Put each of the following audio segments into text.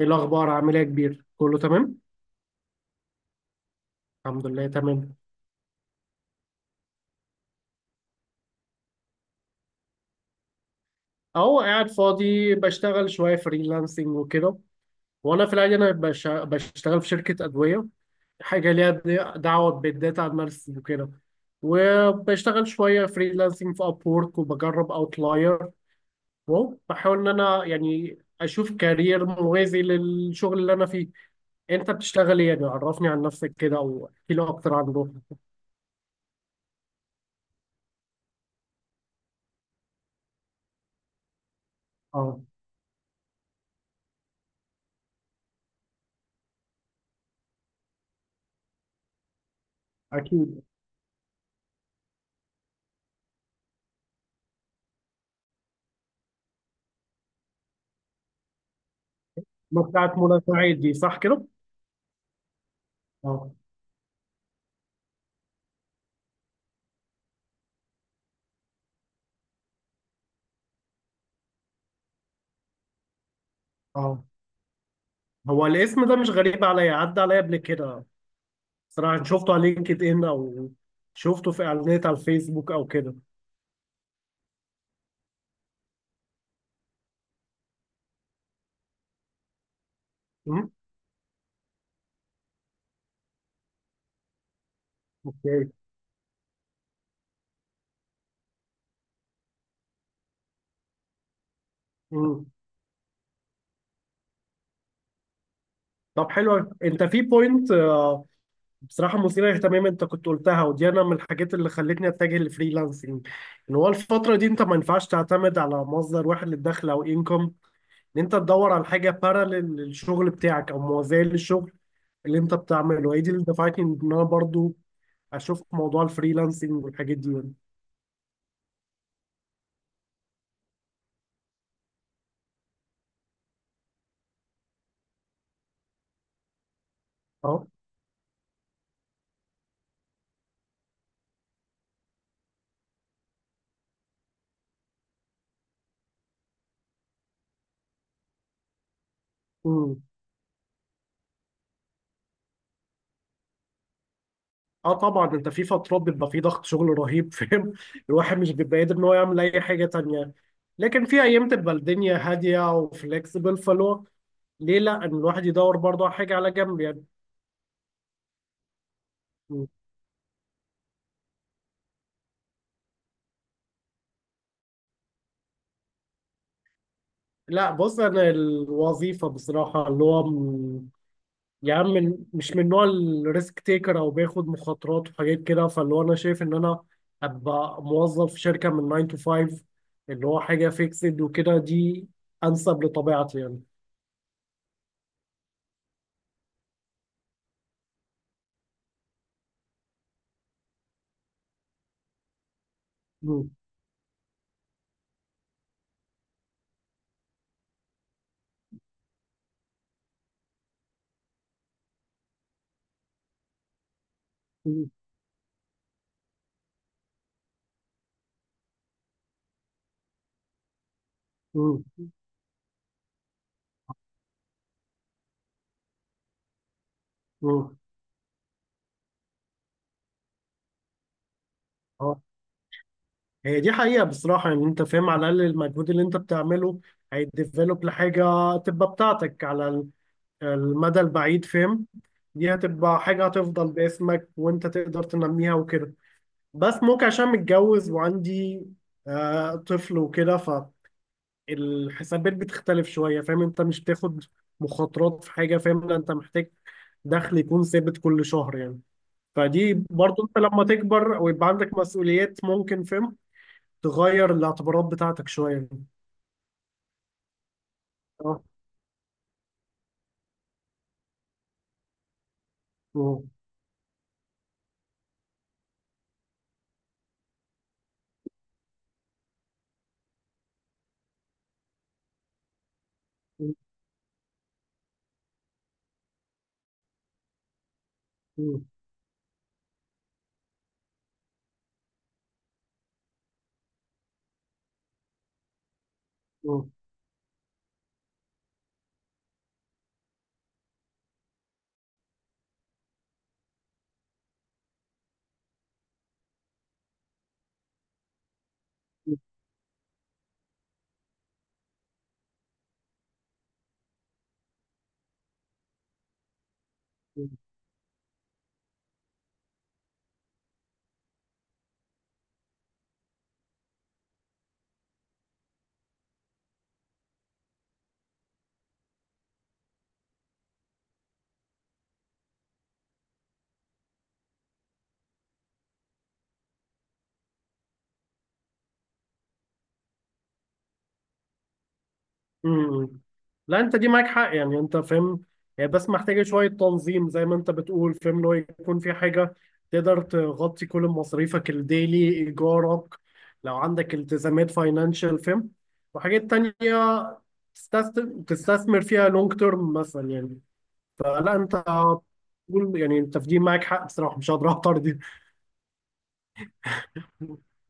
ايه الاخبار؟ عامل ايه يا كبير؟ كله تمام، الحمد لله تمام. اهو قاعد فاضي، بشتغل شويه فريلانسنج وكده. وانا في العادي انا بشتغل في شركه ادويه، حاجه ليها دعوه بالداتا اناليسيس وكده. وبشتغل شويه فريلانسنج في ابورك، وبجرب اوتلاير. وهو بحاول ان انا يعني اشوف كارير موازي للشغل اللي انا فيه. انت بتشتغل ايه؟ يعني عرفني عن نفسك كده او احكي لي اكتر عن روحك. اه، اكيد. ما بتاعت منى سعيد دي، صح كده؟ اه. هو الاسم ده مش غريب عليا، عدى عليا قبل كده. صراحة شفته على لينكد ان، او شفته في اعلانات على الفيسبوك او كده. امم. اوكي. امم. طب حلو، انت في بوينت بصراحة مثيرة للاهتمام انت كنت قلتها، ودي انا من الحاجات اللي خلتني اتجه للفريلانسنج. ان هو الفترة دي انت ما ينفعش تعتمد على مصدر واحد للدخل، او انكم ان انت تدور على حاجة باراليل للشغل بتاعك او موازية للشغل اللي انت بتعمله. هي دي اللي دفعتني ان انا برضو اشوف موضوع الفريلانسنج والحاجات دي يعني. اه. مم. اه طبعا، انت في فترات بيبقى في ضغط شغل رهيب فاهم الواحد مش بيبقى قادر ان هو يعمل اي حاجه تانية. لكن في ايام تبقى الدنيا هاديه وفليكسبل، فلو ليه لا ان الواحد يدور برضه على حاجه على جنب يعني. مم. لا بص، انا الوظيفه بصراحه، يا عم، مش من نوع الريسك تيكر او بياخد مخاطرات وحاجات كده. فاللي هو انا شايف ان انا ابقى موظف في شركه من 9 to 5، اللي هو حاجه فيكسد وكده، دي انسب لطبيعتي يعني. مم. مم. مم. اه، هي دي حقيقة بصراحة يعني. انت فاهم، على الأقل المجهود اللي انت بتعمله هيديفلوب لحاجة تبقى بتاعتك على المدى البعيد، فاهم؟ دي هتبقى حاجة هتفضل باسمك، وانت تقدر تنميها وكده. بس ممكن عشان متجوز وعندي طفل وكده، فالحسابات بتختلف شوية، فاهم؟ انت مش بتاخد مخاطرات في حاجة، فاهم؟ لا، انت محتاج دخل يكون ثابت كل شهر يعني. فدي برضو، انت لما تكبر ويبقى عندك مسؤوليات، ممكن فهم تغير الاعتبارات بتاعتك شوية. اه. مم. مم. مم. مم. مم. لا انت دي معاك حق يعني، انت فاهم. هي بس محتاجة شوية تنظيم زي ما انت بتقول، فاهم؟ اللي هو يكون في حاجة تقدر تغطي كل مصاريفك الديلي، ايجارك، لو عندك التزامات فاينانشال فاهم، وحاجات تانية تستثمر تستثمر فيها لونج تيرم مثلا يعني. لا انت، تقول يعني، انت في دي معاك حق بصراحه، مش هقدر اعترض.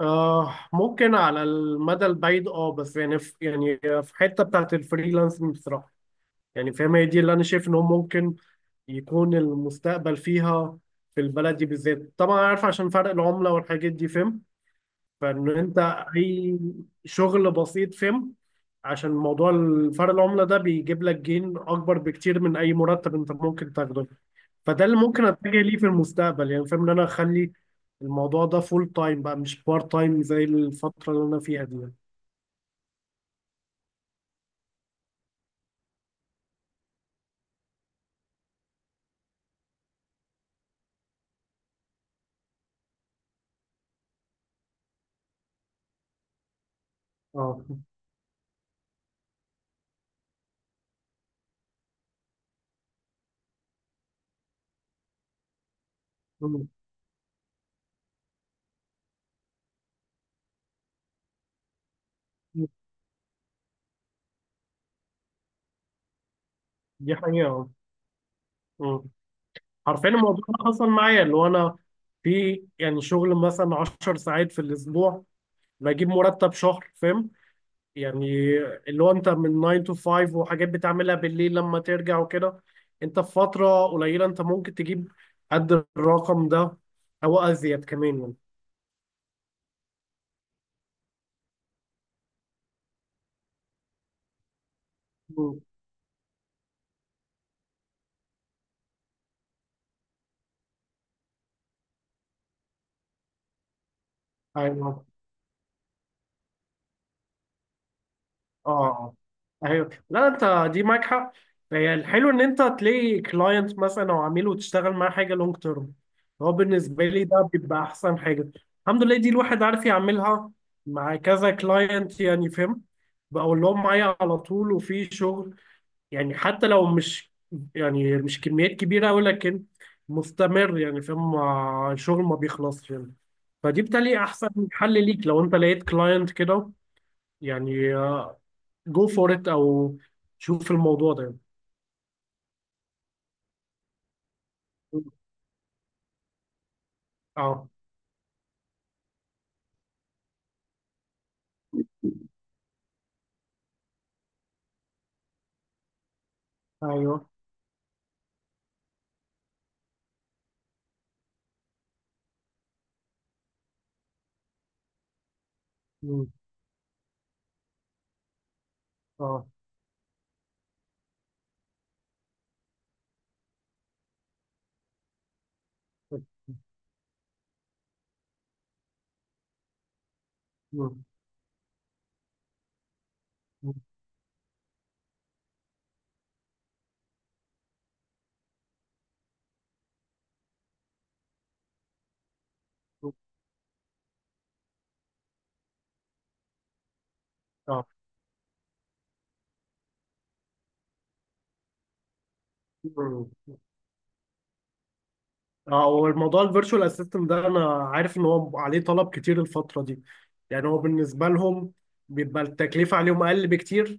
آه ممكن على المدى البعيد اه، بس يعني في يعني في حته بتاعت الفريلانسنج بصراحه يعني فاهم، هي دي اللي انا شايف ان هو ممكن يكون المستقبل فيها، في البلد دي بالذات طبعا، عارف عشان فرق العمله والحاجات دي فاهم. فان انت اي شغل بسيط فاهم، عشان موضوع فرق العمله ده بيجيب لك جين اكبر بكتير من اي مرتب انت ممكن تاخده. فده اللي ممكن اتجه ليه في المستقبل يعني، فاهم ان انا اخلي الموضوع ده فول تايم بقى، مش بارت تايم زي الفترة اللي انا فيها دي يعني. اه. مم. دي حقيقة اه. مم. حرفيا الموضوع ده حصل معايا، اللي هو انا في يعني شغل مثلا 10 ساعات في الاسبوع بجيب مرتب شهر، فاهم يعني؟ اللي هو انت من 9 to 5، وحاجات بتعملها بالليل لما ترجع وكده، انت في فترة قليلة انت ممكن تجيب قد الرقم ده او ازيد كمان يعني. مم. ايوه. اه. اه. ايوه، لا انت دي معاك حق. هي الحلو ان انت تلاقي كلاينت مثلا او عميل وتشتغل معاه حاجه لونج تيرم. هو بالنسبه لي، ده بيبقى احسن حاجه. الحمد لله دي الواحد عارف يعملها مع كذا كلاينت يعني فاهم، بقول لهم معايا على طول وفي شغل يعني، حتى لو مش يعني مش كميات كبيره أوي لكن مستمر يعني، فاهم مع الشغل ما بيخلصش يعني. فدي بتالي احسن حل ليك لو انت لقيت كلاينت كده يعني. جو فور ات او شوف الموضوع ده. اه. ايوه. مم. اه. مم. مم. اه. مم. اه، والموضوع الفيرتشوال اسيستنت ده انا عارف ان هو عليه طلب كتير الفتره دي. يعني هو بالنسبه لهم بيبقى التكلفه عليهم اقل بكتير،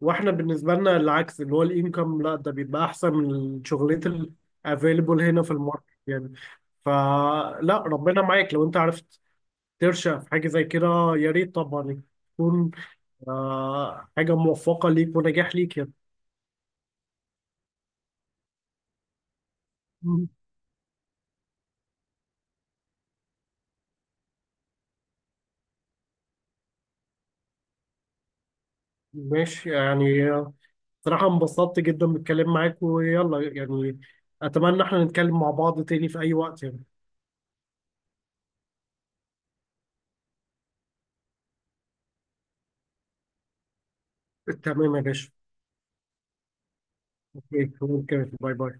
واحنا بالنسبه لنا العكس، اللي هو الانكم لا ده بيبقى احسن من الشغلات الافيلبل هنا في الماركت يعني. فلا، ربنا معاك لو انت عرفت ترشق في حاجه زي كده، يا ريت طبعا يكون حاجة موفقة ليك ونجاح ليك يعني. مم. ماشي يعني، صراحة انبسطت جدا بالكلام معاك ويلا يعني. أتمنى احنا نتكلم مع بعض تاني في أي وقت يعني. تمام يا باشا. اوكي اوكي، باي باي.